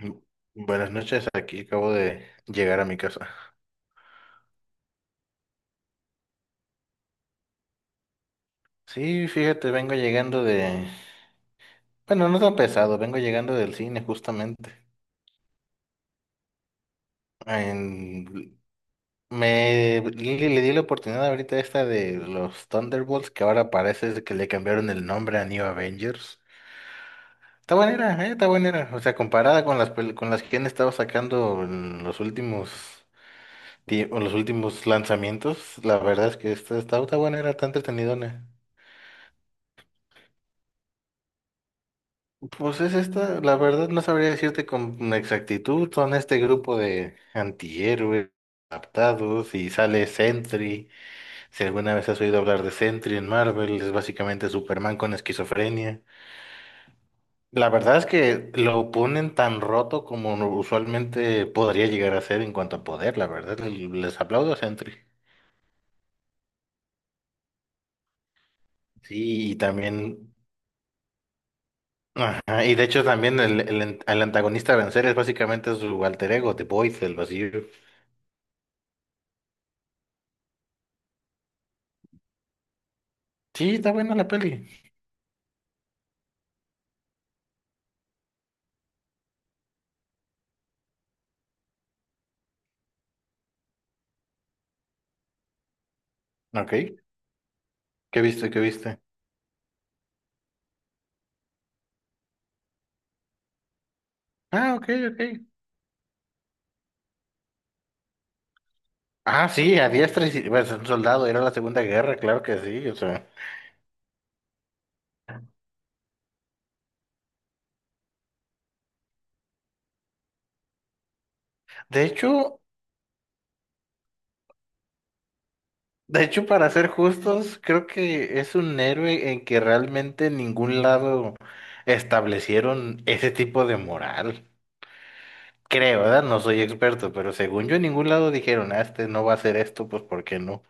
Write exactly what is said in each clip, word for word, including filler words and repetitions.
Bu- Buenas noches, aquí acabo de llegar a mi casa. Sí, fíjate, vengo llegando de... Bueno, no tan pesado, vengo llegando del cine justamente. En- Me... Le, le di la oportunidad ahorita esta de los Thunderbolts, que ahora parece que le cambiaron el nombre a New Avengers. Está buena, ¿eh? Está buena. O sea, comparada con las, pel- con las que han estado sacando en los últimos... tie- en los últimos lanzamientos, la verdad es que esta está, está buena, era tan entretenidona. Pues es esta, la verdad no sabría decirte con exactitud, son este grupo de antihéroes adaptados y sale Sentry, si alguna vez has oído hablar de Sentry en Marvel, es básicamente Superman con esquizofrenia. La verdad es que lo ponen tan roto como no- usualmente podría llegar a ser en cuanto a poder, la verdad, y les aplaudo a Sentry. Sí, y también, ajá, y de hecho también el, el, el antagonista a vencer es básicamente su alter ego, The Void, el vacío. Sí, está buena la peli. Ok. ¿Qué viste? ¿Qué viste? Ah, ok, ok. Ah, sí, a diestra y si- pues, un soldado, era la Segunda Guerra, claro que sí, o sea. De hecho, de hecho, para ser justos, creo que es un héroe en que realmente en ningún lado establecieron ese tipo de moral. Creo, ¿verdad? No soy experto, pero según yo en ningún lado dijeron, ah, este no va a hacer esto, pues ¿por qué no?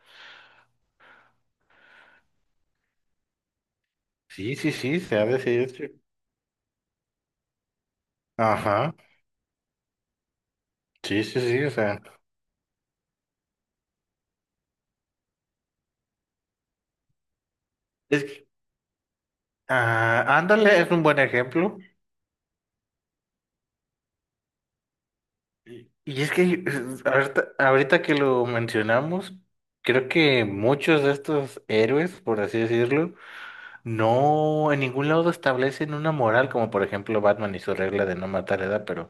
Sí, sí, sí, se ha decidido. Ajá. Sí, sí, sí, o sea. Es que, ah, ándale, es un buen ejemplo. Y es que es, ahorita, ahorita que lo mencionamos, creo que muchos de estos héroes, por así decirlo, no en ningún lado establecen una moral, como por ejemplo Batman y su regla de no matar edad, pero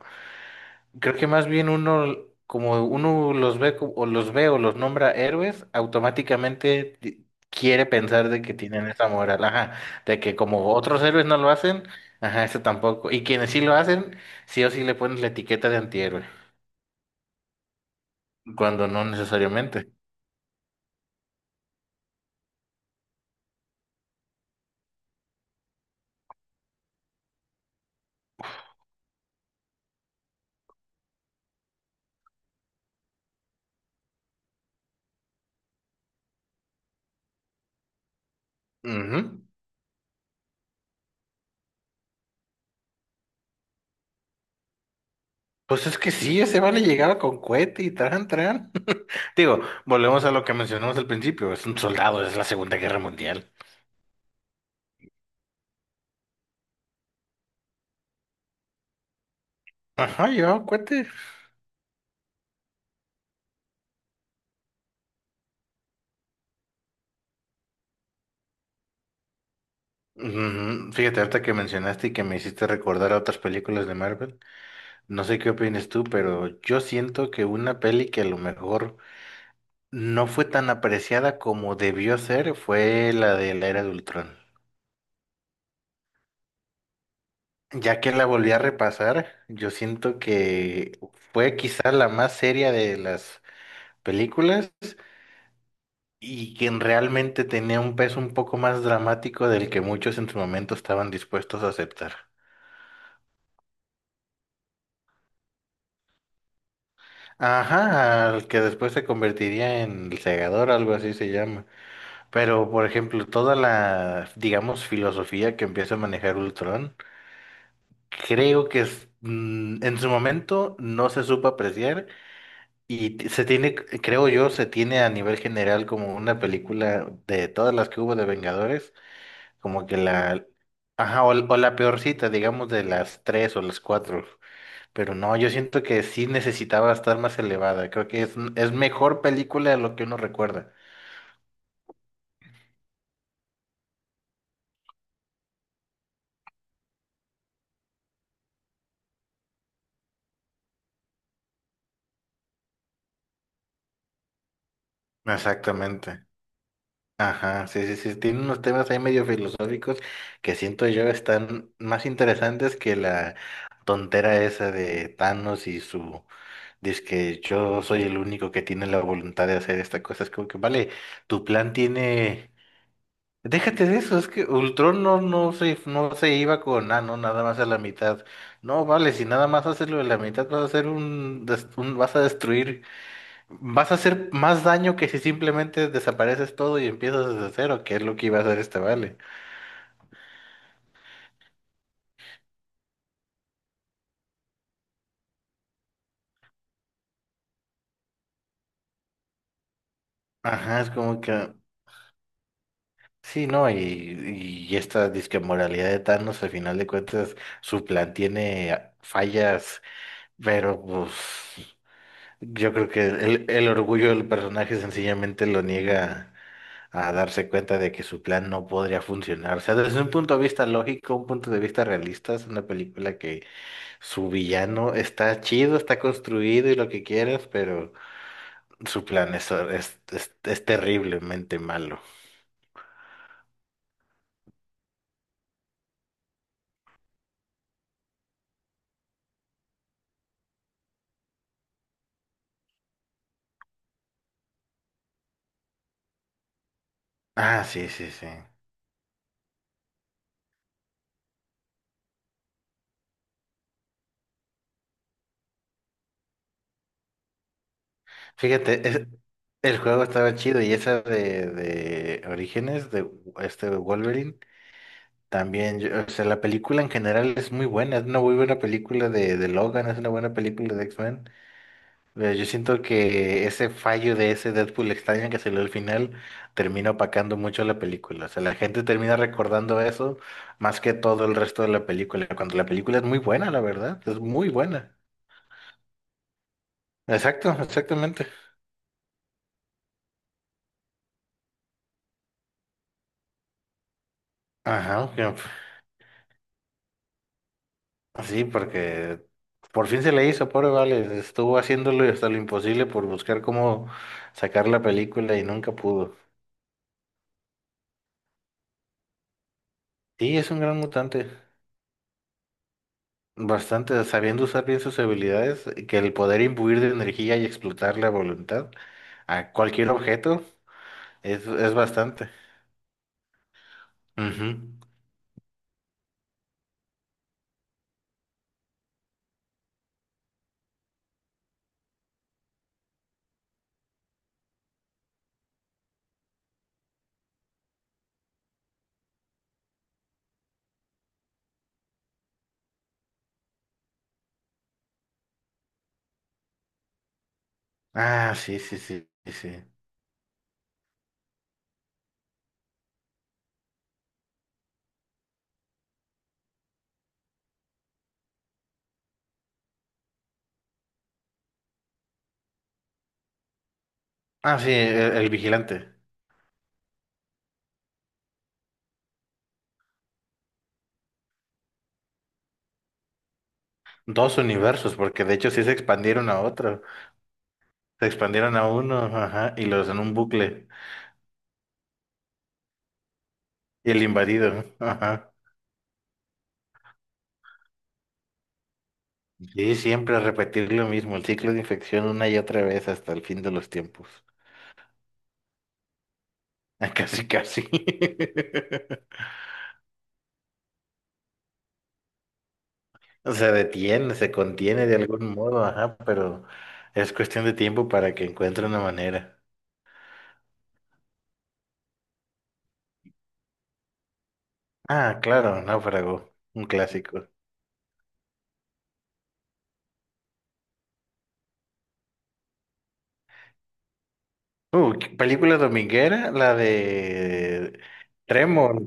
creo que más bien uno, como uno los ve co- o los ve o los nombra héroes, automáticamente ti- quiere pensar de que tienen esa moral, ajá, de que como otros héroes no lo hacen, ajá, eso tampoco. Y quienes sí lo hacen, sí o sí le ponen la etiqueta de antihéroe. Cuando no necesariamente. Ujú. Pues es que sí, ese vale llegaba con cohete y tran, tran. Digo, volvemos a lo que mencionamos al principio, es un soldado, es la Segunda Guerra Mundial. Ajá, llevaba cohete. Ujú. Fíjate, ahorita que mencionaste y que me hiciste recordar a otras películas de Marvel, no sé qué opinas tú, pero yo siento que una peli que a lo mejor no fue tan apreciada como debió ser fue la de la Era de Ultrón. Ya que la volví a repasar, yo siento que fue quizá la más seria de las películas y quien realmente tenía un peso un poco más dramático del que muchos en su momento estaban dispuestos a aceptar. Ajá, al que después se convertiría en el segador, algo así se llama. Pero, por ejemplo, toda la, digamos, filosofía que empieza a manejar Ultron, creo que es, mm, en su momento no se supo apreciar. Y t- se tiene, c- creo yo, se tiene a nivel general como una película de todas las que hubo de Vengadores, como que la, ajá, o, l- o la peorcita, digamos, de las tres o las cuatro. Pero no, yo siento que sí necesitaba estar más elevada. Creo que es, n- es mejor película de lo que uno recuerda. Exactamente. Ajá, sí, sí, sí. Tiene unos temas ahí medio filosóficos que siento yo están más interesantes que la tontera esa de Thanos y su. Dice que yo soy el único que tiene la voluntad de hacer esta cosa. Es como que, vale, tu plan tiene... Déjate de eso, es que Ultron no, no se, no se iba con, ah, no, nada más a la mitad. No, vale, si nada más haces lo de la mitad, vas a hacer un, des- un- vas a destruir, vas a hacer más daño que si simplemente desapareces todo y empiezas desde cero, que es lo que iba a hacer este vale. Ajá, es como que, sí, no, y, y esta disque moralidad de Thanos, al final de cuentas, su plan tiene fallas. Pero pues yo creo que el, el orgullo del personaje sencillamente lo niega a darse cuenta de que su plan no podría funcionar. O sea, desde un punto de vista lógico, un punto de vista realista, es una película que su villano está chido, está construido y lo que quieras, pero su plan es, es, es, es terriblemente malo. Ah, sí, sí, sí. Fíjate, es- el juego estaba chido y esa de, de Orígenes, de este Wolverine. También, yo- o sea, la película en general es muy buena, es una muy buena película de, de Logan, es una buena película de X-Men. Pero yo siento que ese fallo de ese Deadpool extraño que salió al final termina opacando mucho la película. O sea, la gente termina recordando eso más que todo el resto de la película, cuando la película es muy buena, la verdad, es muy buena. Exacto, exactamente. Ajá, que- sí, porque por fin se le hizo, pobre Vale, estuvo haciéndolo y hasta lo imposible por buscar cómo sacar la película y nunca pudo. Sí, es un gran mutante. Bastante, sabiendo usar bien sus habilidades, que el poder imbuir de energía y explotar la voluntad a cualquier objeto es, es bastante. Ujú. Ah, sí, sí, sí, sí. Sí. Ah, sí, el, el vigilante. Dos universos, porque de hecho sí se expandieron a otro. Se expandieron a uno, ajá, y los en un bucle. Y el invadido, ajá. Sí, siempre repetir lo mismo, el ciclo de infección una y otra vez hasta el fin de los tiempos. Casi, casi. Se detiene, se contiene de algún modo, ajá, pero es cuestión de tiempo para que encuentre una manera. Ah, claro, Náufrago, un clásico. Uh, ¿qué película dominguera, la de Tremor,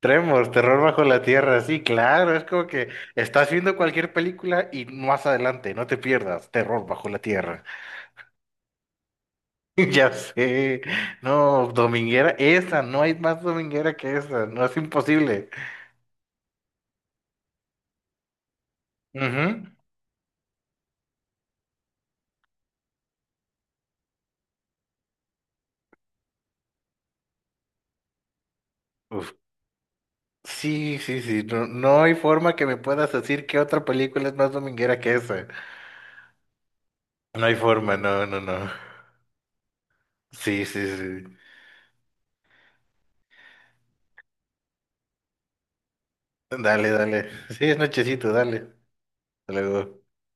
Tremor, Terror bajo la tierra, sí, claro, es como que estás viendo cualquier película y más adelante, no te pierdas, Terror bajo la tierra. Ya sé, no, dominguera, esa, no hay más dominguera que esa, no es imposible. Ujú. Uf, sí, sí, sí. No, no hay forma que me puedas decir que otra película es más dominguera que esa. No hay forma, no, no, no. Sí, sí, sí. Dale, dale. Sí, es nochecito, dale. Hasta luego.